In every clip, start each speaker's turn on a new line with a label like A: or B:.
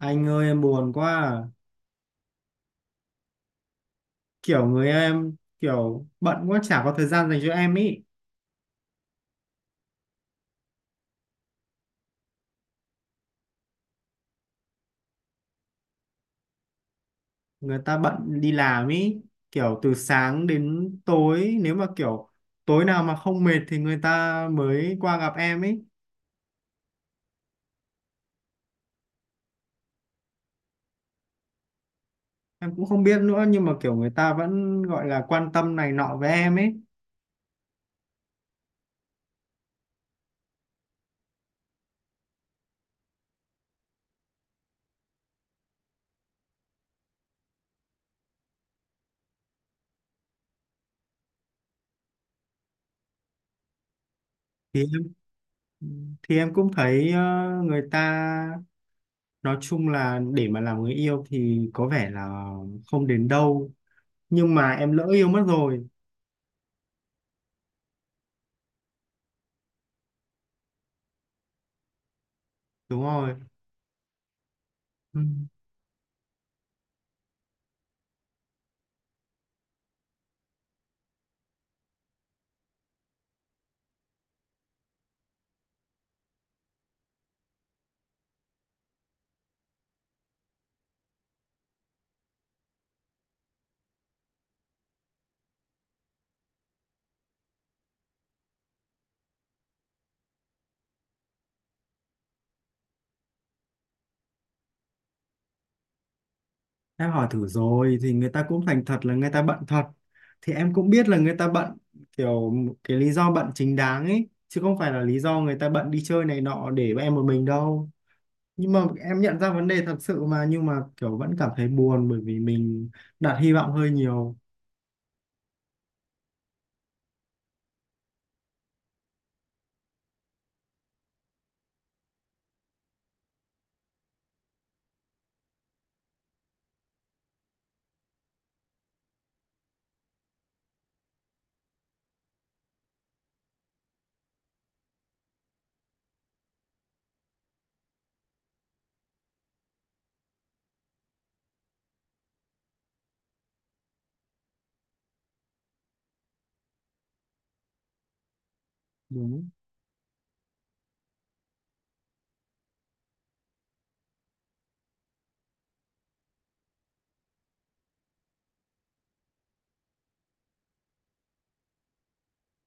A: Anh ơi em buồn quá à. Kiểu người em kiểu bận quá chả có thời gian dành cho em ý. Người ta bận đi làm ý. Kiểu từ sáng đến tối nếu mà kiểu tối nào mà không mệt thì người ta mới qua gặp em ý. Em cũng không biết nữa nhưng mà kiểu người ta vẫn gọi là quan tâm này nọ với em ấy. Thì em thì em cũng thấy người ta nói chung là để mà làm người yêu thì có vẻ là không đến đâu, nhưng mà em lỡ yêu mất rồi. Đúng rồi. Ừ. Em hỏi thử rồi thì người ta cũng thành thật là người ta bận thật. Thì em cũng biết là người ta bận kiểu cái lý do bận chính đáng ấy, chứ không phải là lý do người ta bận đi chơi này nọ để em một mình đâu. Nhưng mà em nhận ra vấn đề thật sự mà nhưng mà kiểu vẫn cảm thấy buồn bởi vì mình đặt hy vọng hơi nhiều. Đúng.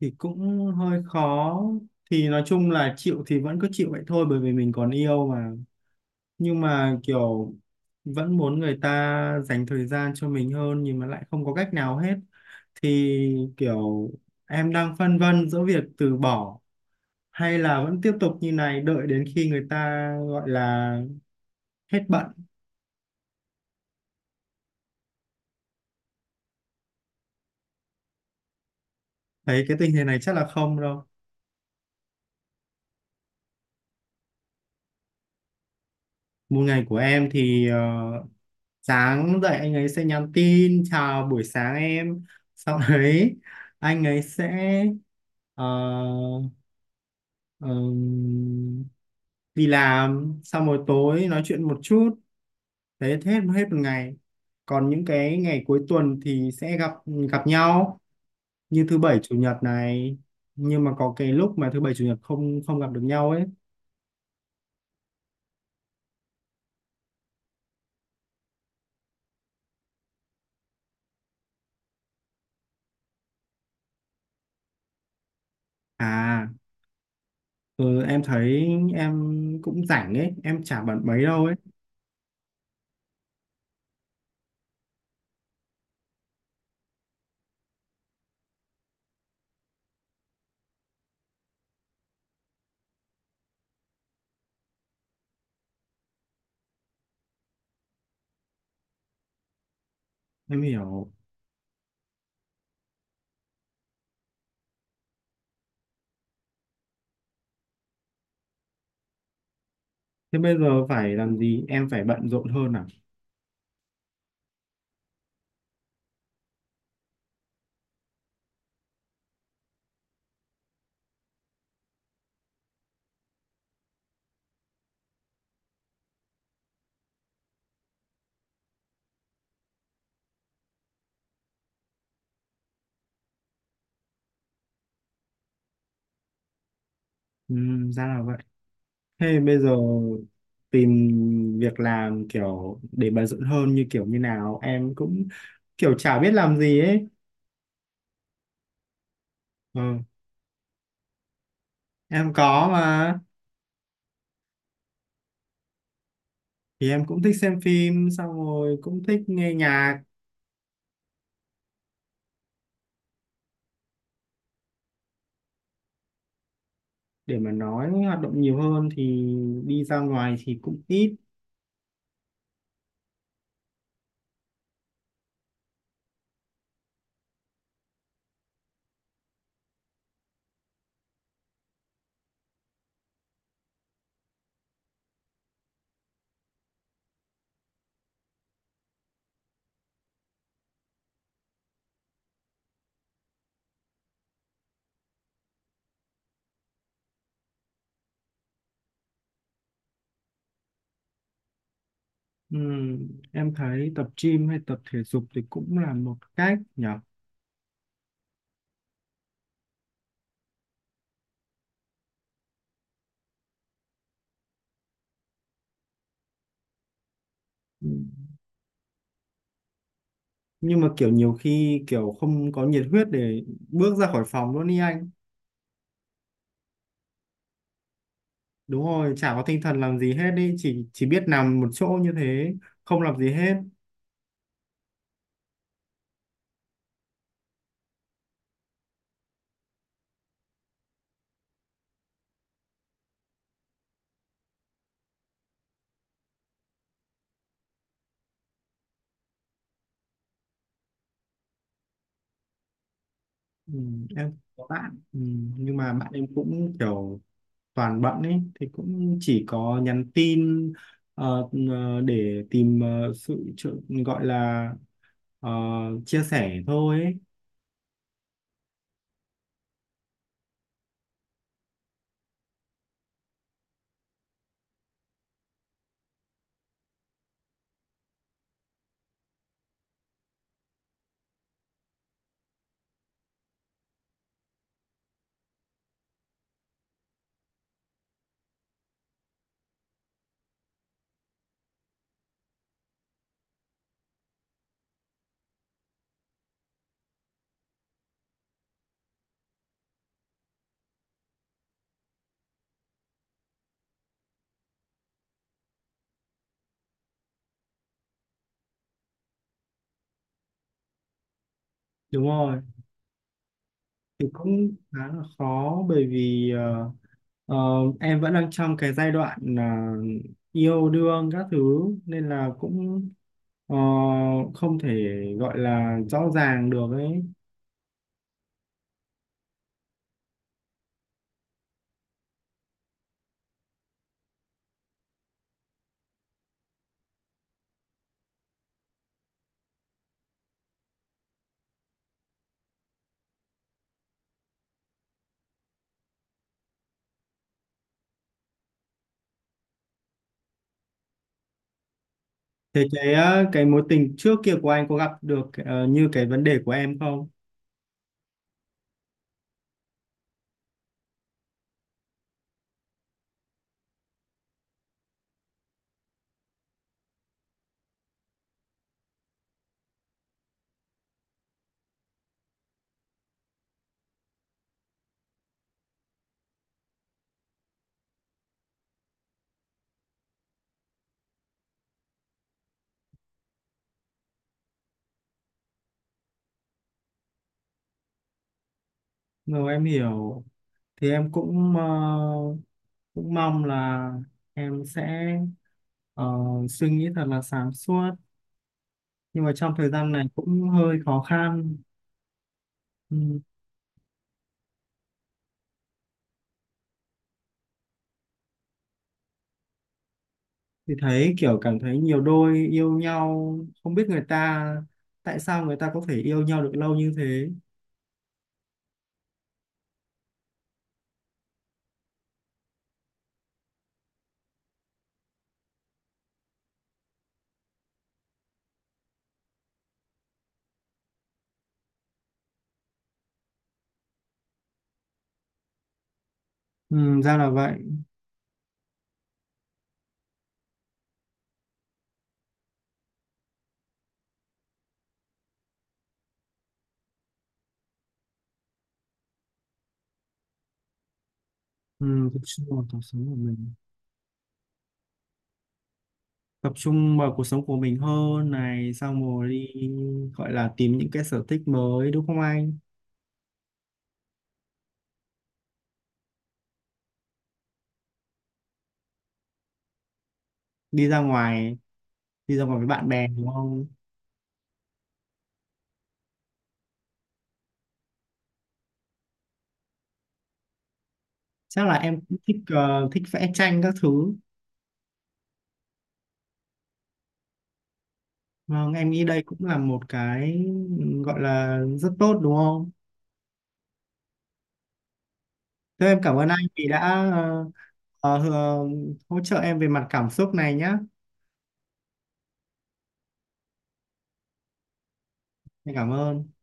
A: Thì cũng hơi khó. Thì nói chung là chịu thì vẫn cứ chịu vậy thôi bởi vì mình còn yêu mà. Nhưng mà kiểu vẫn muốn người ta dành thời gian cho mình hơn, nhưng mà lại không có cách nào hết thì kiểu em đang phân vân giữa việc từ bỏ hay là vẫn tiếp tục như này đợi đến khi người ta gọi là hết bận. Thấy cái tình hình này chắc là không đâu. Một ngày của em thì sáng dậy anh ấy sẽ nhắn tin chào buổi sáng em, sau đấy anh ấy sẽ ờ, ờm, đi làm, sau rồi tối nói chuyện một chút, đấy hết hết một ngày. Còn những cái ngày cuối tuần thì sẽ gặp gặp nhau, như thứ bảy chủ nhật này. Nhưng mà có cái lúc mà thứ bảy chủ nhật không không gặp được nhau ấy. À, ừ, em thấy em cũng rảnh ấy, em chả bận mấy đâu ấy. Em hiểu. Thế bây giờ phải làm gì, em phải bận rộn hơn à? Ừ, ra là vậy. Thế bây giờ tìm việc làm kiểu để bận rộn hơn như kiểu như nào em cũng kiểu chả biết làm gì ấy. Ừ, em có mà. Thì em cũng thích xem phim xong rồi cũng thích nghe nhạc. Để mà nói hoạt động nhiều hơn thì đi ra ngoài thì cũng ít. Em thấy tập gym hay tập thể dục thì cũng là một cách nhỉ. Ừm, nhưng mà kiểu nhiều khi kiểu không có nhiệt huyết để bước ra khỏi phòng luôn đi anh. Đúng rồi, chả có tinh thần làm gì hết đi, chỉ biết nằm một chỗ như thế, không làm gì hết. Em có bạn. Nhưng mà bạn em cũng kiểu toàn bận ấy thì cũng chỉ có nhắn tin để tìm sự trợ- gọi là ờ, chia sẻ thôi ấy. Đúng rồi. Thì cũng khá là khó bởi vì ờ, em vẫn đang trong cái giai đoạn là yêu đương các thứ, nên là cũng ờ, không thể gọi là rõ ràng được ấy. Thế cái cái mối tình trước kia của anh có gặp được như cái vấn đề của em không? Rồi em hiểu. Thì em cũng cũng mong là em sẽ ờ, suy nghĩ thật là sáng suốt, nhưng mà trong thời gian này cũng hơi khó khăn. Ừ. Thì thấy kiểu cảm thấy nhiều đôi yêu nhau không biết người ta tại sao người ta có thể yêu nhau được lâu như thế. Ừ, ra là vậy. Ừ, tập trung vào cuộc sống của mình. Tập trung vào cuộc sống của mình hơn này, xong rồi đi gọi là tìm những cái sở thích mới đúng không anh. Đi ra ngoài, đi ra ngoài với bạn bè đúng không. Chắc là em cũng thích thích vẽ tranh các thứ. Vâng em nghĩ đây cũng là một cái gọi là rất tốt đúng không. Thế em cảm ơn anh vì đã ờ, ờ, hỗ trợ em về mặt cảm xúc này nhá. Em cảm ơn.